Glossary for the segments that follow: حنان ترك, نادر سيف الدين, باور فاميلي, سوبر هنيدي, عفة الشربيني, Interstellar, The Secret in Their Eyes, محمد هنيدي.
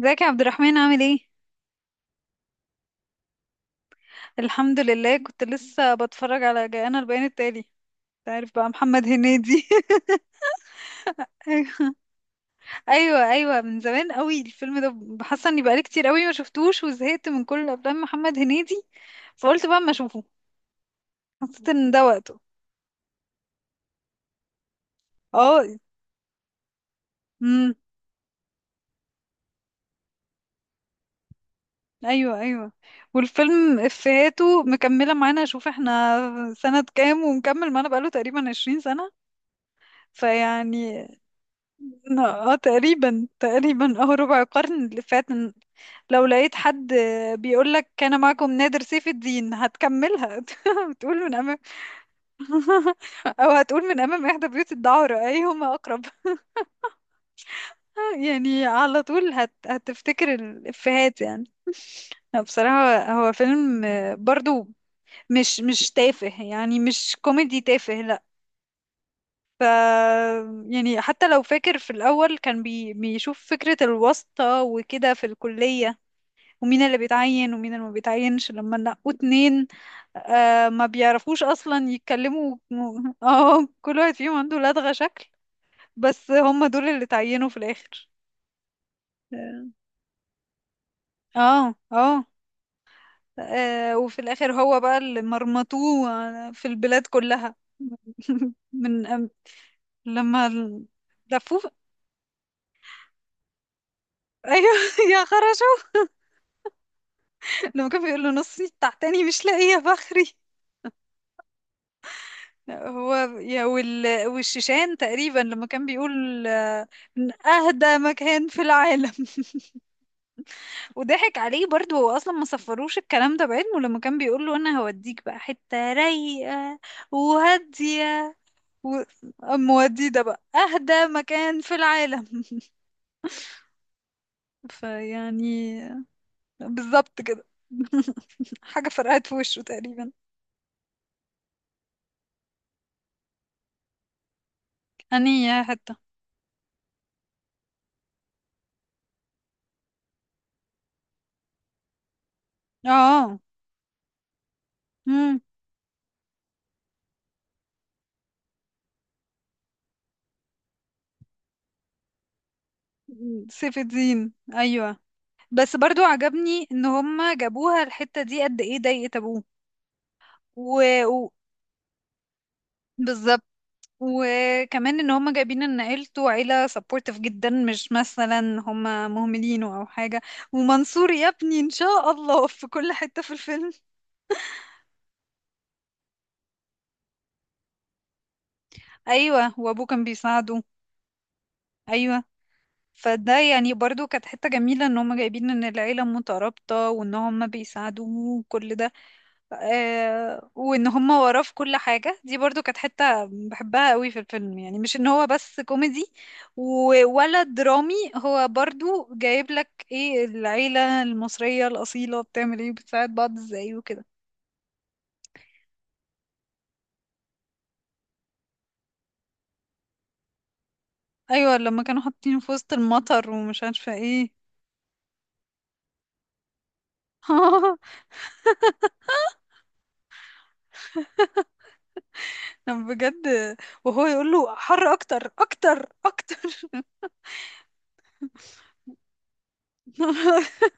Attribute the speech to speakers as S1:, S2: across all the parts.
S1: ازيك يا عبد الرحمن؟ عامل ايه؟ الحمد لله، كنت لسه بتفرج على جاءنا البيان التالي. انت عارف بقى محمد هنيدي؟ ايوه ايوه، من زمان قوي الفيلم ده. حاسه اني بقالي كتير قوي ما شفتوش وزهقت من كل افلام محمد هنيدي، فقلت بقى اما اشوفه، حسيت ان ده وقته. اه امم ايوه ايوه، والفيلم افهاته مكمله معانا. شوف احنا سنه كام ومكمل معانا بقاله تقريبا 20 سنه. فيعني اه تقريبا اه، ربع قرن اللي فات. لو لقيت حد بيقولك كان معكم نادر سيف الدين هتكملها. بتقول من أمام. أو هتقول من أمام إحدى بيوت الدعارة، أيهما أقرب. يعني على طول هتفتكر الإفيهات يعني. لا، بصراحة هو فيلم، برضو مش تافه. يعني مش كوميدي تافه، لا. يعني حتى لو فاكر، في الأول كان بيشوف فكرة الواسطة وكده في الكلية، ومين اللي بيتعين ومين اللي ما بيتعينش لما نقوا اتنين. آه، ما بيعرفوش اصلا يتكلموا اه، كل واحد فيهم عنده لدغة شكل. بس هم دول اللي اتعينوا في الاخر. اه اه. وفي الاخر هو بقى اللي مرمطوه في البلاد كلها. من أم- لما ال- لفوه، ايوه. يا خرشو، لما كان بيقول له: نصي تحتاني مش لاقيه فخري. هو والشيشان تقريبا، لما كان بيقول من اهدى مكان في العالم. وضحك عليه برضه، هو اصلا ما صفروش الكلام ده بعلمه. لما كان بيقول له انا هوديك بقى حتة رايقة وهادية و... أم ودي ده بقى اهدى مكان في العالم. فيعني بالظبط كده. حاجة فرقعت في وشه تقريبا. اني يا حتة. اه امم سيف الدين، ايوه. بس برضو عجبني ان هم جابوها الحتة دي، قد ايه ضايقت ابوه. و... و... بالظبط. وكمان ان هم جايبين ان عيلته عيلة سبورتيف جدا، مش مثلا هم مهملينه او حاجة. ومنصور يا ابني ان شاء الله، في كل حتة في الفيلم. ايوه، وابوه كان بيساعده. ايوه. فده يعني برضو كانت حتة جميلة، ان هم جايبين ان العيلة مترابطة وان هم بيساعدوه وكل ده. وان هم وراه في كل حاجة، دي برضو كانت حتة بحبها قوي في الفيلم. يعني مش ان هو بس كوميدي ولا درامي، هو برضو جايب لك ايه العيلة المصرية الأصيلة بتعمل ايه، بتساعد بعض ازاي وكده. ايوه، لما كانوا حاطين في وسط المطر ومش عارفة ايه. أنا بجد. وهو يقول له: حر اكتر اكتر اكتر.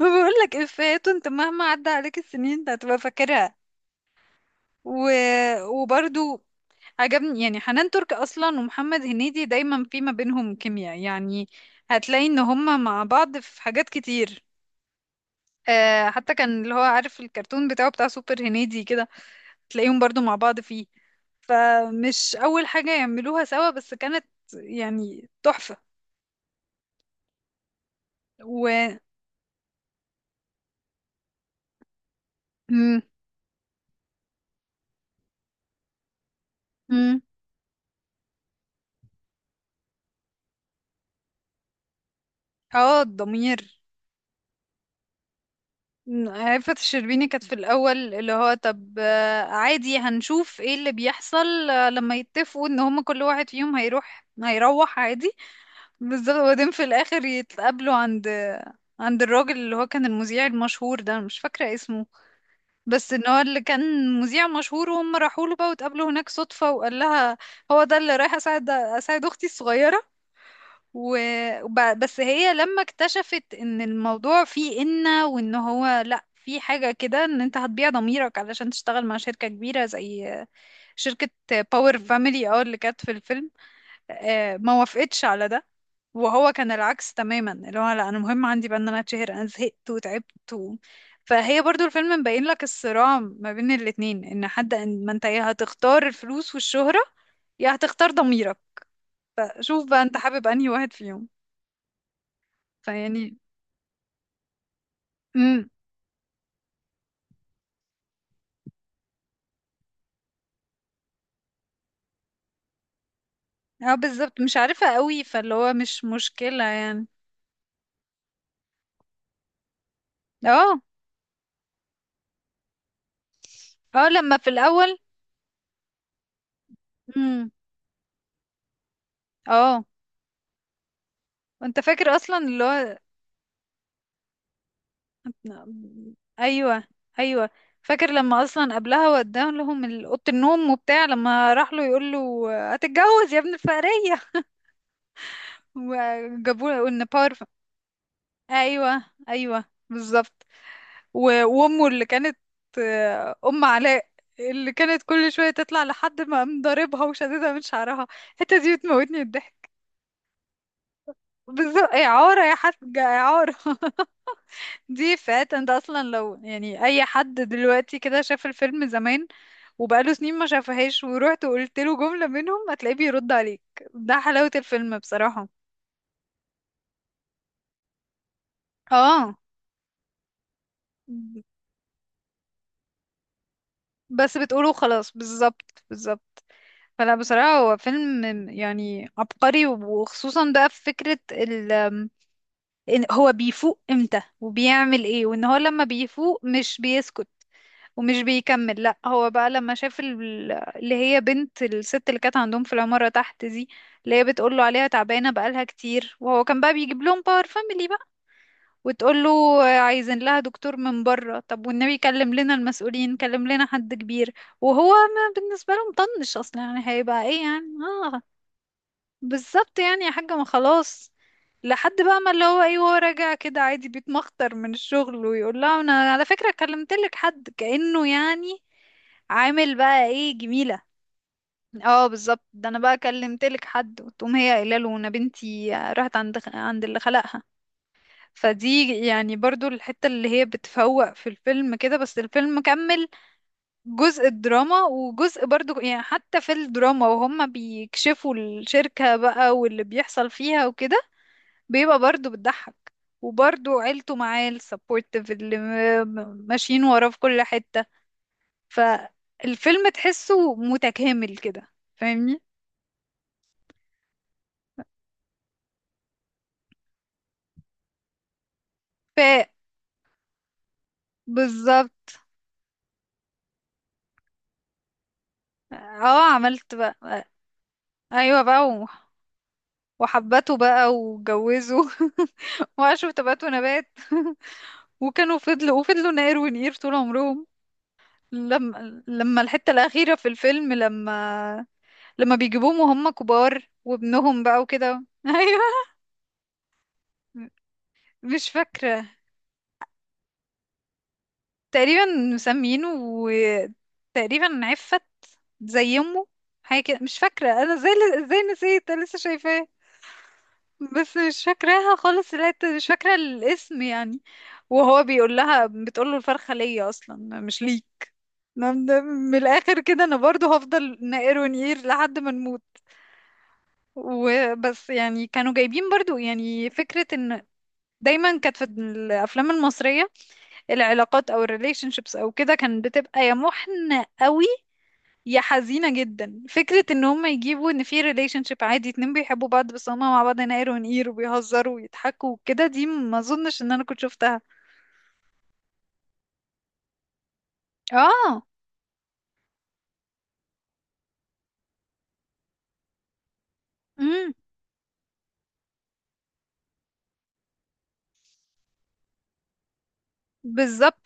S1: بقول لك افيهات انت مهما عدى عليك السنين انت هتبقى فاكرها. و... وبرضو عجبني يعني حنان ترك اصلا، ومحمد هنيدي دايما في ما بينهم كيمياء يعني. هتلاقي ان هما مع بعض في حاجات كتير. آه، حتى كان اللي هو عارف الكرتون بتاعه بتاع سوبر هنيدي كده، تلاقيهم برضو مع بعض فيه. فمش اول حاجة يعملوها سوا، بس كانت يعني تحفة. و مم. مم. اه الضمير. مم. عفة الشربيني كانت في الأول اللي هو طب، عادي هنشوف ايه اللي بيحصل، لما يتفقوا ان هما كل واحد فيهم هيروح عادي. بالظبط. وبعدين في الاخر يتقابلوا عند عند الراجل اللي هو كان المذيع المشهور ده، أنا مش فاكرة اسمه، بس ان هو اللي كان مذيع مشهور، وهم راحوا له بقى واتقابلوا هناك صدفة، وقال لها هو ده اللي رايح اساعد اختي الصغيرة. و... بس هي لما اكتشفت ان الموضوع فيه إنة، وان هو لا، في حاجة كده ان انت هتبيع ضميرك علشان تشتغل مع شركة كبيرة، زي شركة باور فاميلي. اه، اللي كانت في الفيلم. ما وافقتش على ده. وهو كان العكس تماما، اللي هو لا، انا مهم عندي بقى ان انا اتشهر، انا زهقت وتعبت فهي برضو الفيلم مبين لك الصراع ما بين الاتنين، ان حد، ان ما انت يا هتختار الفلوس والشهرة يا هتختار ضميرك. شوف بقى انت حابب انهي واحد فيهم. فيعني. امم اه بالظبط، مش عارفة قوي، فاللي هو مش مشكلة يعني. اه اه، لما في الاول. امم اه انت فاكر اصلا اللي هو. ايوه ايوه، فاكر لما اصلا قبلها وداه لهم اوضه النوم وبتاع. لما راح له يقول له هتتجوز يا ابن الفقريه. وجابوا له ان باور. ايوه ايوه بالظبط. وامه اللي كانت، ام علاء، اللي كانت كل شويه تطلع لحد ما قام ضاربها وشددها من شعرها. الحته دي بتموتني الضحك. بالظبط، اعاره يا حاج اعاره. دي افيهات انت اصلا لو يعني اي حد دلوقتي كده شاف الفيلم زمان وبقاله سنين ما شافهاش، ورحت وقلت له جملة منهم هتلاقيه بيرد عليك. ده حلاوة الفيلم بصراحة. اه، بس بتقوله خلاص. بالظبط بالظبط. فلا، بصراحة هو فيلم يعني عبقري، وخصوصا بقى في فكرة إن هو بيفوق امتى وبيعمل ايه، وان هو لما بيفوق مش بيسكت ومش بيكمل، لا. هو بقى لما شاف اللي هي بنت الست اللي كانت عندهم في العمارة تحت دي، اللي هي بتقول له عليها تعبانة بقالها كتير، وهو كان بقى بيجيب لهم باور فاميلي بقى. وتقول له عايزين لها دكتور من بره، طب والنبي كلم لنا المسؤولين، كلم لنا حد كبير. وهو ما بالنسبة له مطنش اصلا، يعني هيبقى ايه يعني. آه. بالظبط، يعني يا حاجة ما خلاص. لحد بقى ما اللي هو ايه، وهو راجع كده عادي بيتمخطر من الشغل، ويقول لها انا على فكرة كلمتلك حد، كأنه يعني عامل بقى ايه، جميلة. اه بالظبط، ده انا بقى كلمتلك حد، وتقوم هي قايله له انا بنتي راحت عند عند اللي خلقها. فدي يعني برضو الحتة اللي هي بتفوق في الفيلم كده. بس الفيلم كمل جزء الدراما، وجزء برضو يعني حتى في الدراما وهم بيكشفوا الشركة بقى واللي بيحصل فيها وكده بيبقى برضه بتضحك. وبرضه عيلته معاه السبورتيف اللي ماشيين وراه في كل حتة. فالفيلم تحسه متكامل كده، فاهمني. ف. بالظبط، اه عملت بقى. ايوه بقى وحبته بقى واتجوزوا. وعاشوا في تبات ونبات. وكانوا فضلوا وفضلوا نقر ونقير طول عمرهم. لما الحتة الأخيرة في الفيلم، لما لما بيجيبوهم وهم كبار وابنهم بقى وكده. ايوه، مش فاكرة، تقريبا مسمينه وتقريبا عفت زي امه، حاجة كده مش فاكرة. انا زي، ازاي نسيت، انا لسه شايفاه، بس مش فاكراها خالص الحتة، مش فاكرة الاسم يعني. وهو بيقول لها بتقول له الفرخة ليا اصلا مش ليك. أنا، من من الاخر كده، انا برضو هفضل نقر ونقير لحد ما نموت. وبس. يعني كانوا جايبين برضو يعني فكرة ان دايما كانت في الافلام المصرية العلاقات او الريليشن شيبس او كده كانت بتبقى يا محنة قوي يا حزينة جدا. فكرة ان هم يجيبوا ان في ريليشن شيب عادي، اتنين بيحبوا بعض بس هما مع بعض هنا قير ونقير وبيهزروا ويضحكوا وكده، دي ما اظنش ان انا كنت شفتها. اه امم بالظبط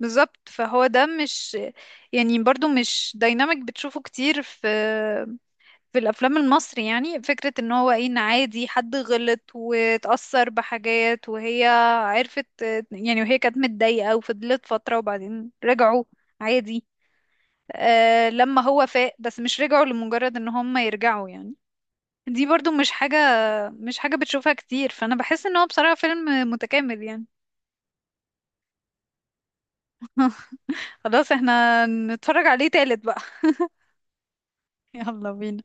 S1: بالظبط. فهو ده مش، يعني برضو مش دايناميك بتشوفه كتير في في الافلام المصري، يعني فكرة ان هو ايه، ان عادي حد غلط واتأثر بحاجات، وهي عرفت يعني وهي كانت متضايقة وفضلت فترة وبعدين رجعوا عادي. آه، لما هو فاق، بس مش رجعوا لمجرد ان هم يرجعوا يعني. دي برضو مش حاجة بتشوفها كتير. فانا بحس ان هو بصراحة فيلم متكامل يعني. خلاص احنا نتفرج عليه تالت بقى. يلا بينا.